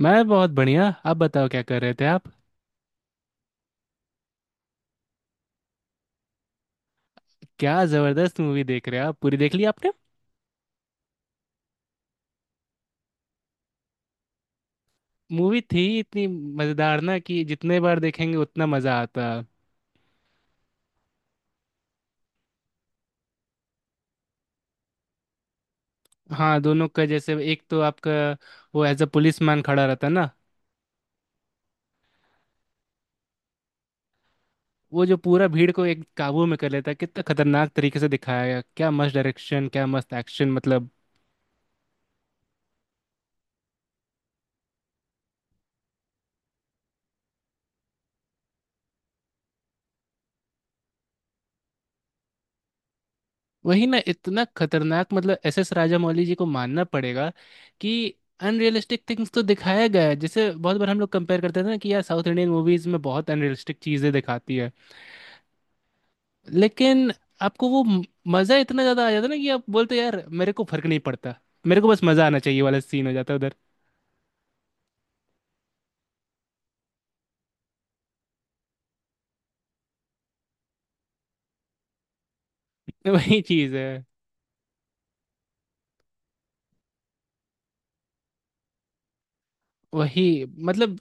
मैं बहुत बढ़िया। आप बताओ क्या कर रहे थे आप? क्या जबरदस्त मूवी देख रहे हो आप। पूरी देख ली आपने? मूवी थी इतनी मजेदार ना कि जितने बार देखेंगे उतना मजा आता। हाँ, दोनों का जैसे एक तो आपका वो एज अ पुलिस मैन खड़ा रहता ना। वो जो पूरा भीड़ को एक काबू में कर लेता है, कितना खतरनाक तरीके से दिखाया गया, क्या मस्त डायरेक्शन, क्या मस्त एक्शन, मतलब। वही ना, इतना खतरनाक, मतलब SS राजामौली जी को मानना पड़ेगा कि अनरियलिस्टिक थिंग्स तो दिखाया गया है। जैसे बहुत बार हम लोग कंपेयर करते थे ना कि यार साउथ इंडियन मूवीज में बहुत अनरियलिस्टिक चीजें दिखाती है। लेकिन आपको वो मजा इतना ज्यादा आ जाता ना कि आप बोलते यार मेरे को फर्क नहीं पड़ता। मेरे को बस मजा आना चाहिए वाला सीन हो जाता है उधर। वही चीज है। वही मतलब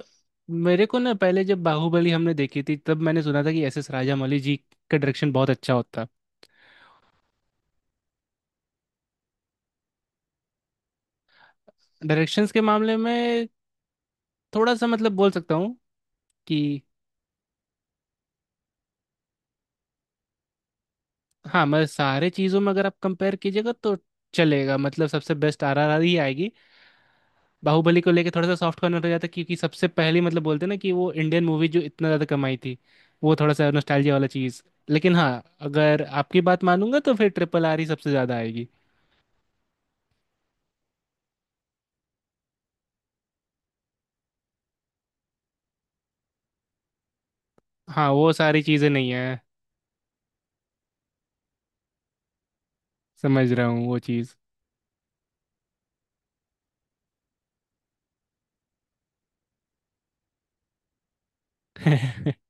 मेरे को ना पहले जब बाहुबली हमने देखी थी तब मैंने सुना था कि SS राजामौली जी का डायरेक्शन बहुत अच्छा होता है। डायरेक्शंस के मामले में थोड़ा सा मतलब बोल सकता हूँ कि हाँ, मतलब सारे चीज़ों में अगर आप कंपेयर कीजिएगा तो चलेगा, मतलब सबसे बेस्ट RRR ही आएगी। बाहुबली को लेके थोड़ा सा सॉफ्ट कॉर्नर हो जाता है क्योंकि सबसे पहली, मतलब बोलते हैं ना कि वो इंडियन मूवी जो इतना ज़्यादा कमाई थी। वो थोड़ा सा नॉस्टैल्जिया वाला चीज़, लेकिन हाँ, अगर आपकी बात मानूंगा तो फिर RRR ही सबसे ज़्यादा आएगी। हाँ, वो सारी चीज़ें नहीं है। समझ रहा हूँ वो चीज़।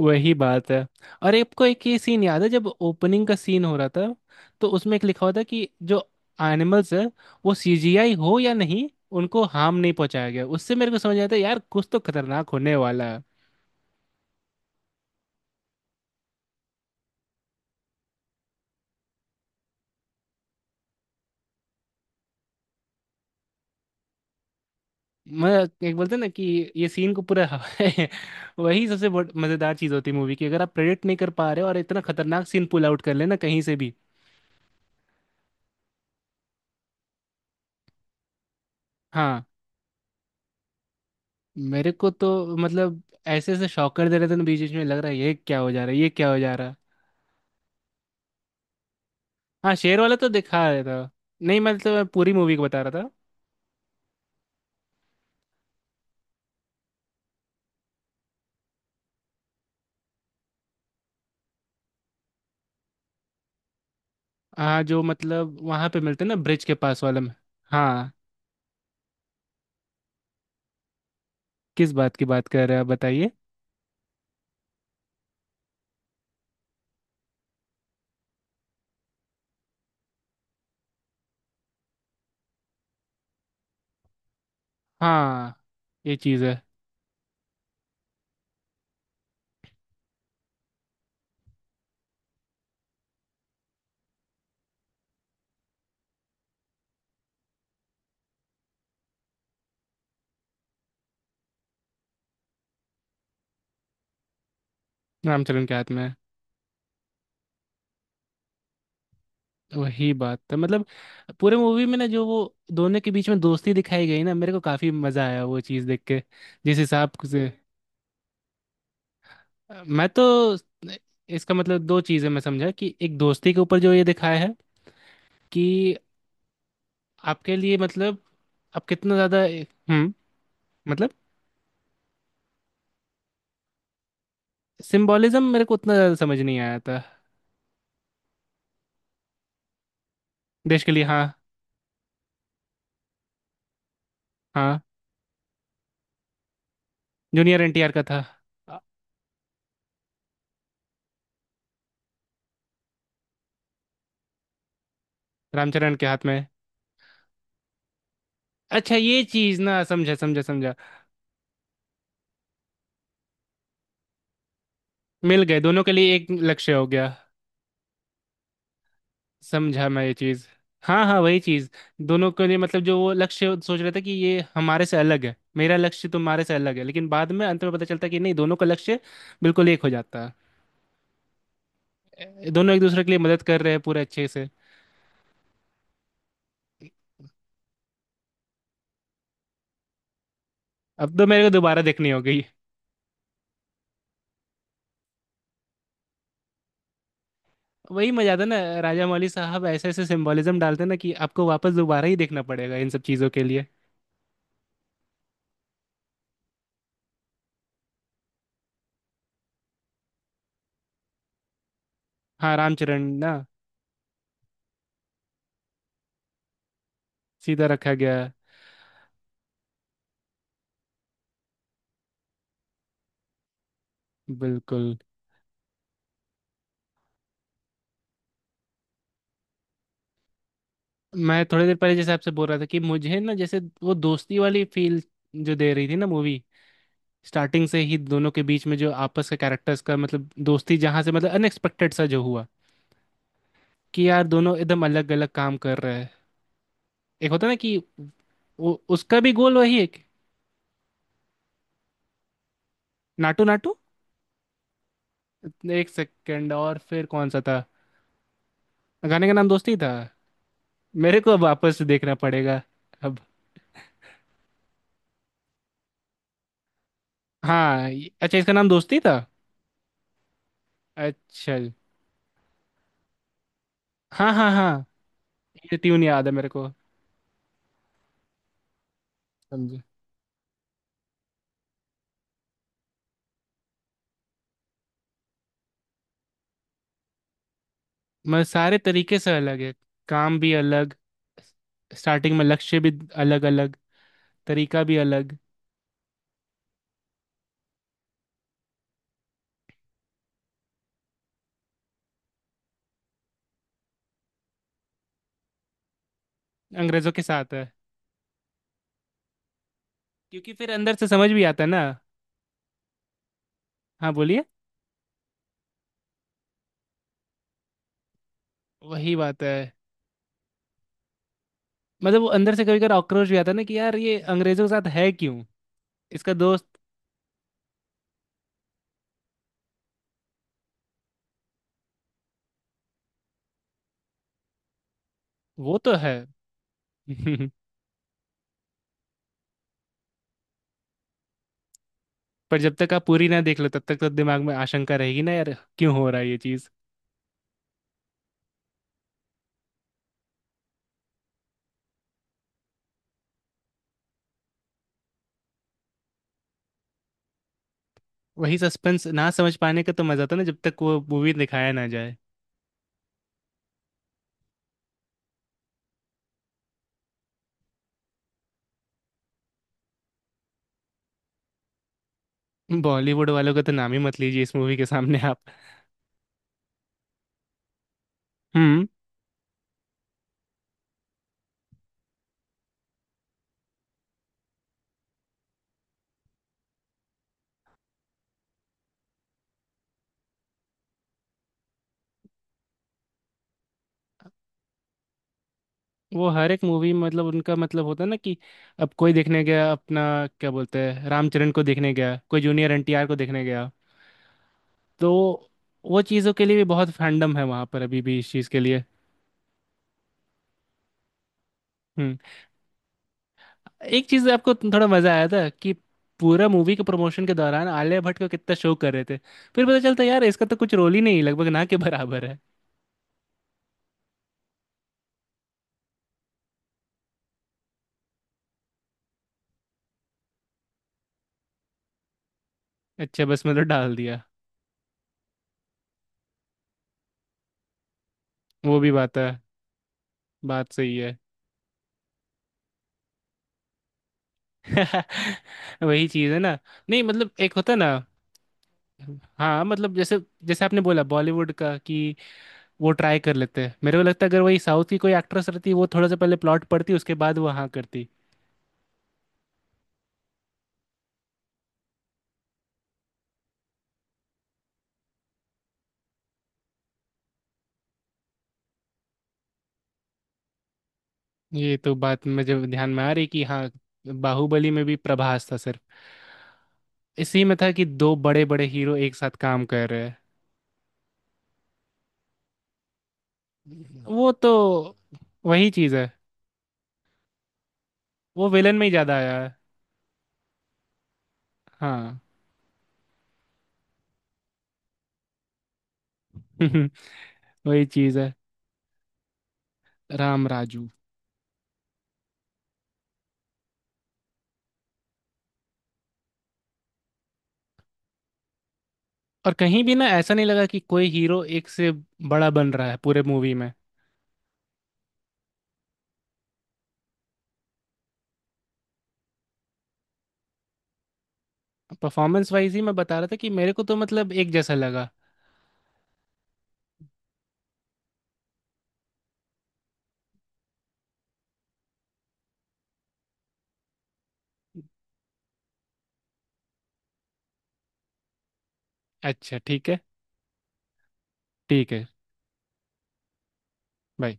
वही बात है। और आपको एक ये सीन याद है जब ओपनिंग का सीन हो रहा था तो उसमें एक लिखा हुआ था कि जो एनिमल्स है वो CGI हो या नहीं, उनको हार्म नहीं पहुंचाया गया। उससे मेरे को समझ आया था यार कुछ तो खतरनाक होने वाला है। मैं एक बोलते हैं ना कि ये सीन को पूरा। वही सबसे मज़ेदार चीज़ होती है मूवी की, अगर आप प्रेडिक्ट नहीं कर पा रहे हो और इतना खतरनाक सीन पुल आउट कर लेना कहीं से भी। हाँ। मेरे को तो मतलब ऐसे ऐसे शॉकर दे रहे थे ना, बीच बीच में लग रहा है ये क्या हो जा रहा है, ये क्या हो जा रहा है। हाँ, शेर वाला तो दिखा रहा था। नहीं, मतलब मैं तो पूरी मूवी को बता रहा था। हाँ, जो मतलब वहां पे मिलते हैं ना, ब्रिज के पास वाले में। हाँ। किस बात की बात कर रहे हैं आप बताइए। हाँ, ये चीज़ है। रामचरण के हाथ में है। वही बात था, मतलब पूरे मूवी में ना जो वो दोनों के बीच में दोस्ती दिखाई गई ना, मेरे को काफी मजा आया वो चीज़ देख के। जिस हिसाब से मैं तो इसका मतलब दो चीज़ें मैं समझा कि एक दोस्ती के ऊपर जो ये दिखाया है कि आपके लिए मतलब आप कितना ज्यादा। हम्म। मतलब सिंबॉलिज्म मेरे को उतना ज्यादा समझ नहीं आया था। देश के लिए, हाँ। हाँ, जूनियर NTR का था। अ, रामचरण के हाथ में। अच्छा, ये चीज ना, समझा समझा समझा। मिल गए, दोनों के लिए एक लक्ष्य हो गया। समझा मैं ये चीज। हाँ हाँ, वही चीज। दोनों के लिए मतलब जो वो लक्ष्य सोच रहे थे कि ये हमारे से अलग है, मेरा लक्ष्य तुम्हारे से अलग है, लेकिन बाद में अंत में पता चलता कि नहीं, दोनों का लक्ष्य बिल्कुल एक हो जाता है। दोनों एक दूसरे के लिए मदद कर रहे हैं पूरे अच्छे से। अब तो मेरे को दोबारा देखनी होगी। वही मजा था ना, राजा मौली साहब ऐसे ऐसे सिंबोलिज्म डालते ना कि आपको वापस दोबारा ही देखना पड़ेगा इन सब चीज़ों के लिए। हाँ, रामचरण ना। सीधा रखा गया है। बिल्कुल। मैं थोड़ी देर पहले जैसे आपसे बोल रहा था कि मुझे ना जैसे वो दोस्ती वाली फील जो दे रही थी ना मूवी, स्टार्टिंग से ही दोनों के बीच में जो आपस के कैरेक्टर्स का मतलब दोस्ती, जहाँ से मतलब अनएक्सपेक्टेड सा जो हुआ कि यार दोनों एकदम अलग अलग काम कर रहे हैं। एक होता ना कि वो उसका भी गोल वही है नाटू नाटू। एक सेकंड, और फिर कौन सा था। गाने का नाम दोस्ती था। मेरे को अब वापस देखना पड़ेगा अब। हाँ अच्छा, इसका नाम दोस्ती था। अच्छा, हाँ हाँ हाँ, ये ट्यून याद है मेरे को। समझे। मैं सारे तरीके से अलग है, काम भी अलग, स्टार्टिंग में लक्ष्य भी अलग अलग, तरीका भी अलग। अंग्रेजों के साथ है। क्योंकि फिर अंदर से समझ भी आता है ना। हाँ बोलिए। वही बात है, मतलब वो अंदर से कभी कभी आक्रोश भी आता है ना कि यार ये अंग्रेजों के साथ है क्यों। इसका दोस्त। वो तो है। पर जब तक आप पूरी ना देख लो तब तक तो दिमाग में आशंका रहेगी ना यार क्यों हो रहा है ये चीज़। वही सस्पेंस ना समझ पाने का तो मज़ा था ना जब तक वो मूवी दिखाया ना जाए। बॉलीवुड वालों का तो नाम ही मत लीजिए इस मूवी के सामने आप। हम्म। वो हर एक मूवी मतलब उनका मतलब होता है ना कि अब कोई देखने गया अपना, क्या बोलते हैं, रामचरण को देखने गया, कोई जूनियर NTR को देखने गया, तो वो चीज़ों के लिए भी बहुत फैंडम है वहाँ पर अभी भी इस चीज़ के लिए। हम्म। एक चीज आपको थोड़ा मजा आया था कि पूरा मूवी के प्रमोशन के दौरान आलिया भट्ट को कितना शो कर रहे थे, फिर पता चलता यार इसका तो कुछ रोल ही नहीं, लगभग ना के बराबर है। अच्छा, बस मतलब डाल दिया। वो भी बात है, बात सही है। वही चीज है ना। नहीं, मतलब एक होता ना, हाँ मतलब जैसे जैसे आपने बोला बॉलीवुड का कि वो ट्राई कर लेते हैं, मेरे को लगता है अगर वही साउथ की कोई एक्ट्रेस रहती वो थोड़ा सा पहले प्लॉट पढ़ती उसके बाद वो हाँ करती। ये तो बात मुझे ध्यान में आ रही कि हाँ, बाहुबली में भी प्रभास था, इसी में था कि दो बड़े बड़े हीरो एक साथ काम कर रहे हैं। वो तो वही चीज है। वो विलन में ही ज्यादा आया है। हाँ। वही चीज है। राम राजू। और कहीं भी ना ऐसा नहीं लगा कि कोई हीरो एक से बड़ा बन रहा है पूरे मूवी में। परफॉर्मेंस वाइज ही मैं बता रहा था कि मेरे को तो मतलब एक जैसा लगा। अच्छा ठीक है। ठीक है। बाय।